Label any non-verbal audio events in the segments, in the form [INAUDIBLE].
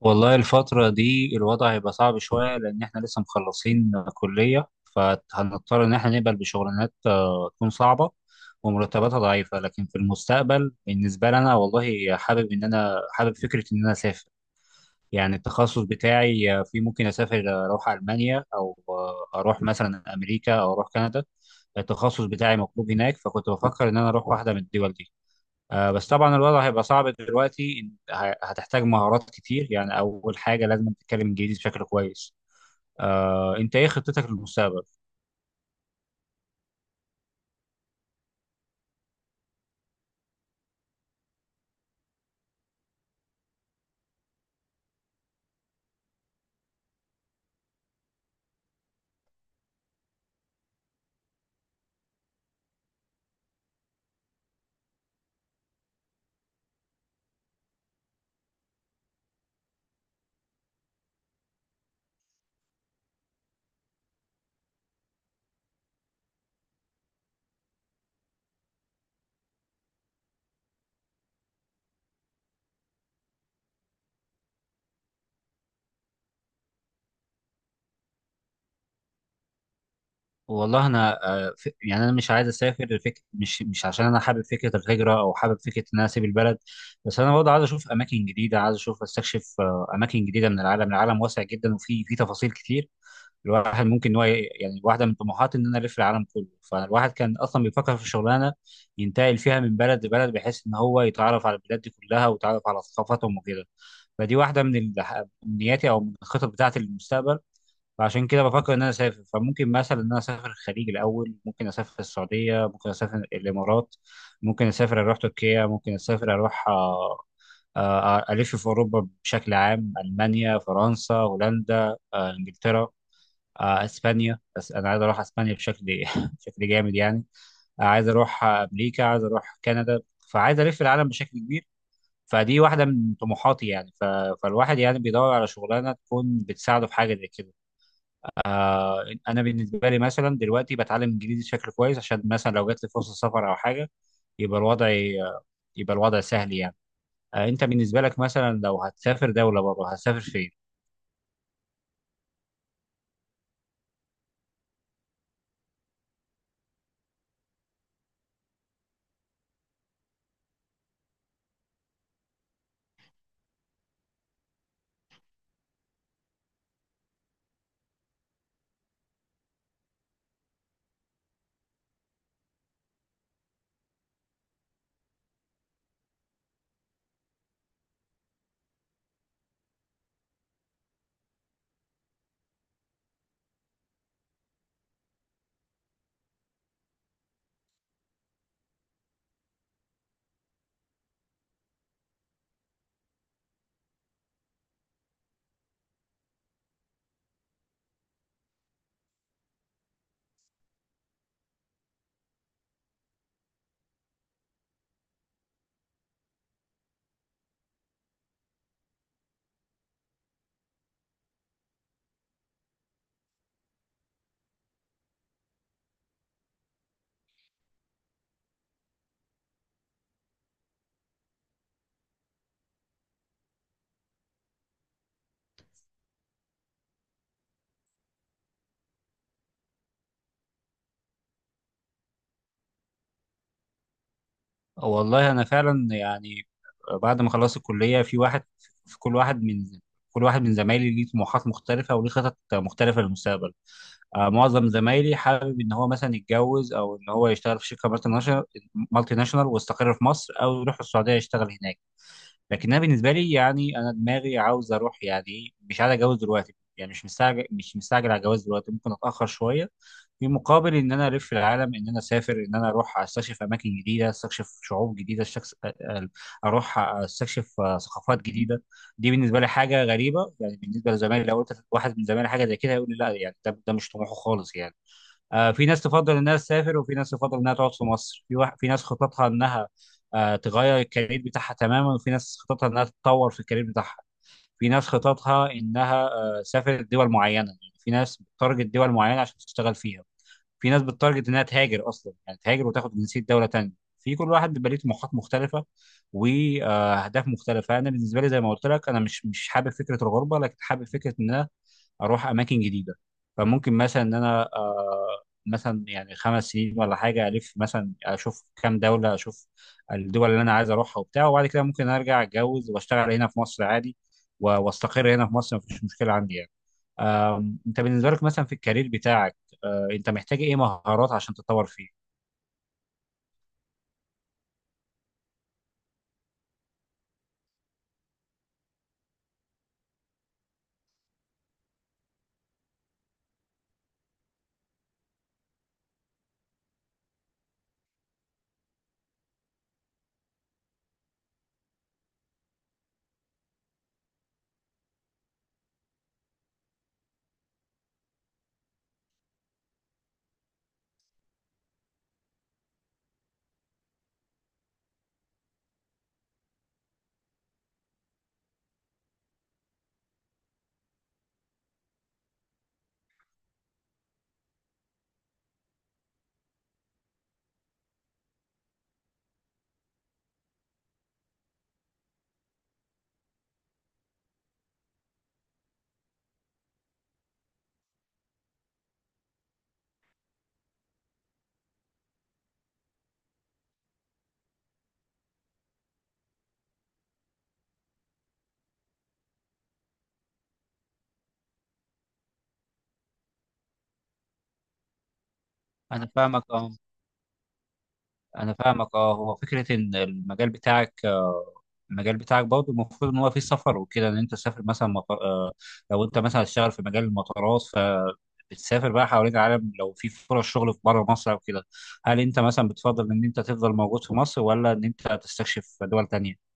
والله الفترة دي الوضع هيبقى صعب شوية لأن إحنا لسه مخلصين كلية، فهنضطر إن إحنا نقبل بشغلانات تكون صعبة ومرتباتها ضعيفة. لكن في المستقبل بالنسبة لنا، والله حابب إن أنا حابب فكرة إن أنا أسافر. يعني التخصص بتاعي فيه ممكن أسافر، أروح ألمانيا، أو أروح مثلا أمريكا، أو أروح كندا. التخصص بتاعي مطلوب هناك، فكنت بفكر إن أنا أروح واحدة من الدول دي. بس طبعا الوضع هيبقى صعب دلوقتي، هتحتاج مهارات كتير. يعني اول حاجه لازم تتكلم انجليزي بشكل كويس. انت ايه خطتك للمستقبل؟ والله انا، يعني انا مش عايز اسافر مش عشان انا حابب فكره الهجره، او حابب فكره ان انا اسيب البلد. بس انا برضه عايز اشوف اماكن جديده، عايز اشوف استكشف اماكن جديده من العالم. العالم واسع جدا، وفي تفاصيل كتير الواحد ممكن إن هو يعني واحده من طموحاتي ان انا الف العالم كله. فالواحد كان اصلا بيفكر في شغلانه ينتقل فيها من بلد لبلد، بحيث ان هو يتعرف على البلاد دي كلها ويتعرف على ثقافاتهم وكده. فدي واحده من من نياتي او من الخطط بتاعتي للمستقبل. فعشان كده بفكر ان انا اسافر، فممكن مثلا ان انا اسافر الخليج الاول، ممكن اسافر السعوديه، ممكن اسافر الامارات، ممكن اسافر اروح تركيا، ممكن اسافر اروح الف في اوروبا بشكل عام، المانيا، فرنسا، هولندا، انجلترا، اسبانيا. بس انا عايز اروح اسبانيا بشكل [LAUGHS] بشكل جامد يعني. عايز اروح امريكا، عايز اروح كندا. فعايز الف العالم بشكل كبير. فدي واحده من طموحاتي يعني فالواحد يعني بيدور على شغلانه تكون بتساعده في حاجه زي كده. انا بالنسبه لي مثلا دلوقتي بتعلم انجليزي بشكل كويس، عشان مثلا لو جات لي فرصه سفر او حاجه يبقى الوضع يبقى الوضع سهل يعني. انت بالنسبه لك مثلا لو هتسافر دوله بره، هتسافر فين؟ والله انا فعلا يعني بعد ما خلصت الكليه، في واحد في كل واحد من زمايلي ليه طموحات مختلفه وليه خطط مختلفه للمستقبل. معظم زمايلي حابب ان هو مثلا يتجوز، او ان هو يشتغل في شركه مالتي ناشونال ويستقر في مصر، او يروح السعوديه يشتغل هناك. لكن انا بالنسبه لي يعني انا دماغي عاوز اروح. يعني مش عايز اتجوز دلوقتي يعني، مش مستعجل، مش مستعجل على الجواز دلوقتي، ممكن اتاخر شويه في مقابل ان انا الف العالم، ان انا اسافر، ان انا اروح استكشف اماكن جديده، استكشف شعوب جديده، استكشف ثقافات جديده. دي بالنسبه لي حاجه غريبه. يعني بالنسبه لزمايلي لو قلت واحد من زمايلي حاجه زي كده هيقول لي لا. يعني ده مش طموحه خالص يعني. في ناس تفضل انها تسافر، وفي ناس تفضل انها تقعد في مصر، في ناس خططها انها تغير الكارير بتاعها تماما، وفي ناس خططها انها تتطور في الكارير بتاعها، في ناس خططها انها تسافر دول معينه. يعني في ناس بتارجت دول معينه عشان تشتغل فيها، في ناس بتارجت انها تهاجر اصلا، يعني تهاجر وتاخد جنسيه دوله تانيه. في كل واحد بيبقى ليه طموحات مختلفه واهداف مختلفه. انا بالنسبه لي زي ما قلت لك، انا مش حابب فكره الغربه، لكن حابب فكره ان انا اروح اماكن جديده. فممكن مثلا ان انا مثلا يعني 5 سنين ولا حاجه الف، مثلا اشوف كام دوله، اشوف الدول اللي انا عايز اروحها وبتاع، وبعد كده ممكن ارجع اتجوز واشتغل هنا في مصر عادي، واستقر هنا في مصر، مفيش مشكله عندي يعني. انت بالنسبه لك مثلا في الكارير بتاعك، انت محتاج ايه مهارات عشان تتطور فيه؟ انا فاهمك اه. هو فكره ان المجال بتاعك، برضه المفروض ان هو فيه سفر وكده، ان انت تسافر مثلا مطار. لو انت مثلا هتشتغل في مجال المطارات، بتسافر بقى حوالين العالم. لو في فرص شغل في بره مصر او كده، هل انت مثلا بتفضل ان انت تفضل موجود في مصر، ولا ان انت تستكشف دول تانية؟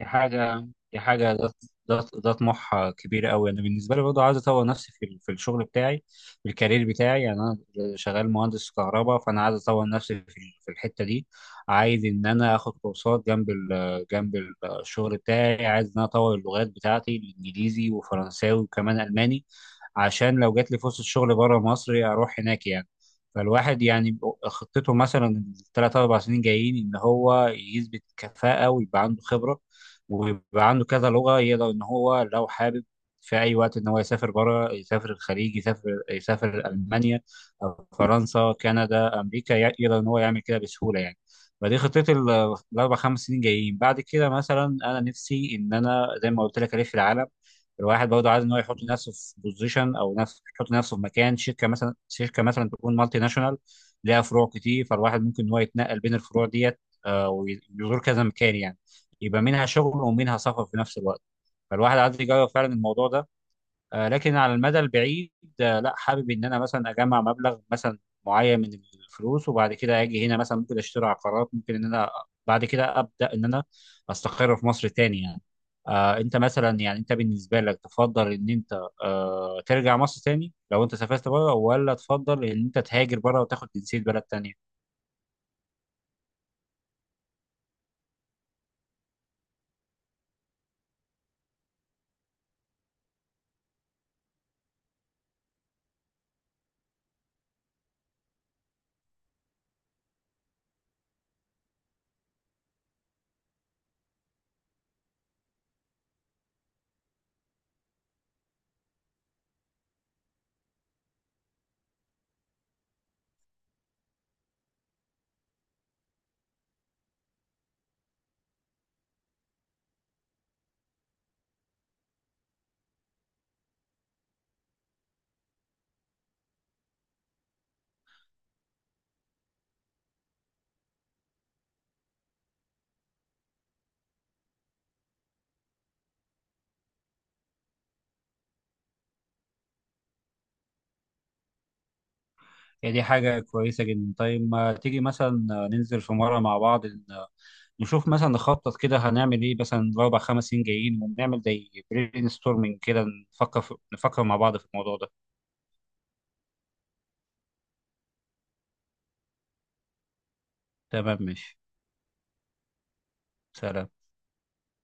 دي حاجة دي حاجة ده ده ده طموح كبير قوي. أنا بالنسبة لي برضه عايز أطور نفسي في في الشغل بتاعي، في الكارير بتاعي. يعني أنا شغال مهندس كهرباء، فأنا عايز أطور نفسي في في الحتة دي. عايز إن أنا آخد كورسات جنب الشغل بتاعي. عايز إن أنا أطور اللغات بتاعتي: الإنجليزي وفرنساوي وكمان ألماني، عشان لو جات لي فرصة شغل بره مصر أروح هناك يعني. فالواحد يعني خطته مثلا الثلاث أربع سنين جايين إن هو يثبت كفاءة، ويبقى عنده خبرة، ويبقى عنده كذا لغة، يقدر إن هو لو حابب في أي وقت إن هو يسافر بره، يسافر الخليج، يسافر ألمانيا أو فرنسا، كندا، أمريكا، يقدر إن هو يعمل كده بسهولة يعني. فدي خطتي الأربع خمس سنين جايين. بعد كده مثلا أنا نفسي إن أنا زي ما قلت لك ألف العالم. الواحد برضه عايز إن هو يحط نفسه في بوزيشن، أو نفس يحط نفسه في مكان شركة، مثلا تكون مالتي ناشونال ليها فروع كتير، فالواحد ممكن إن هو يتنقل بين الفروع ديت. ويزور كذا مكان يعني. يبقى منها شغل ومنها سفر في نفس الوقت. فالواحد عايز يجرب فعلا الموضوع ده. لكن على المدى البعيد، لا حابب ان انا مثلا اجمع مبلغ مثلا معين من الفلوس، وبعد كده اجي هنا مثلا ممكن اشتري عقارات، ممكن ان انا بعد كده ابدا ان انا استقر في مصر تاني يعني. انت مثلا يعني انت بالنسبه لك، تفضل ان انت ترجع مصر تاني لو انت سافرت بره، ولا تفضل ان انت تهاجر بره وتاخد جنسيه بلد تانية؟ هي دي حاجه كويسه جدا. طيب ما تيجي مثلا ننزل في مره مع بعض، نشوف مثلا نخطط كده هنعمل ايه مثلا الاربع خمس سنين جايين، ونعمل زي برين ستورمنج كده. نفكر مع بعض في الموضوع ده. تمام، ماشي، سلام.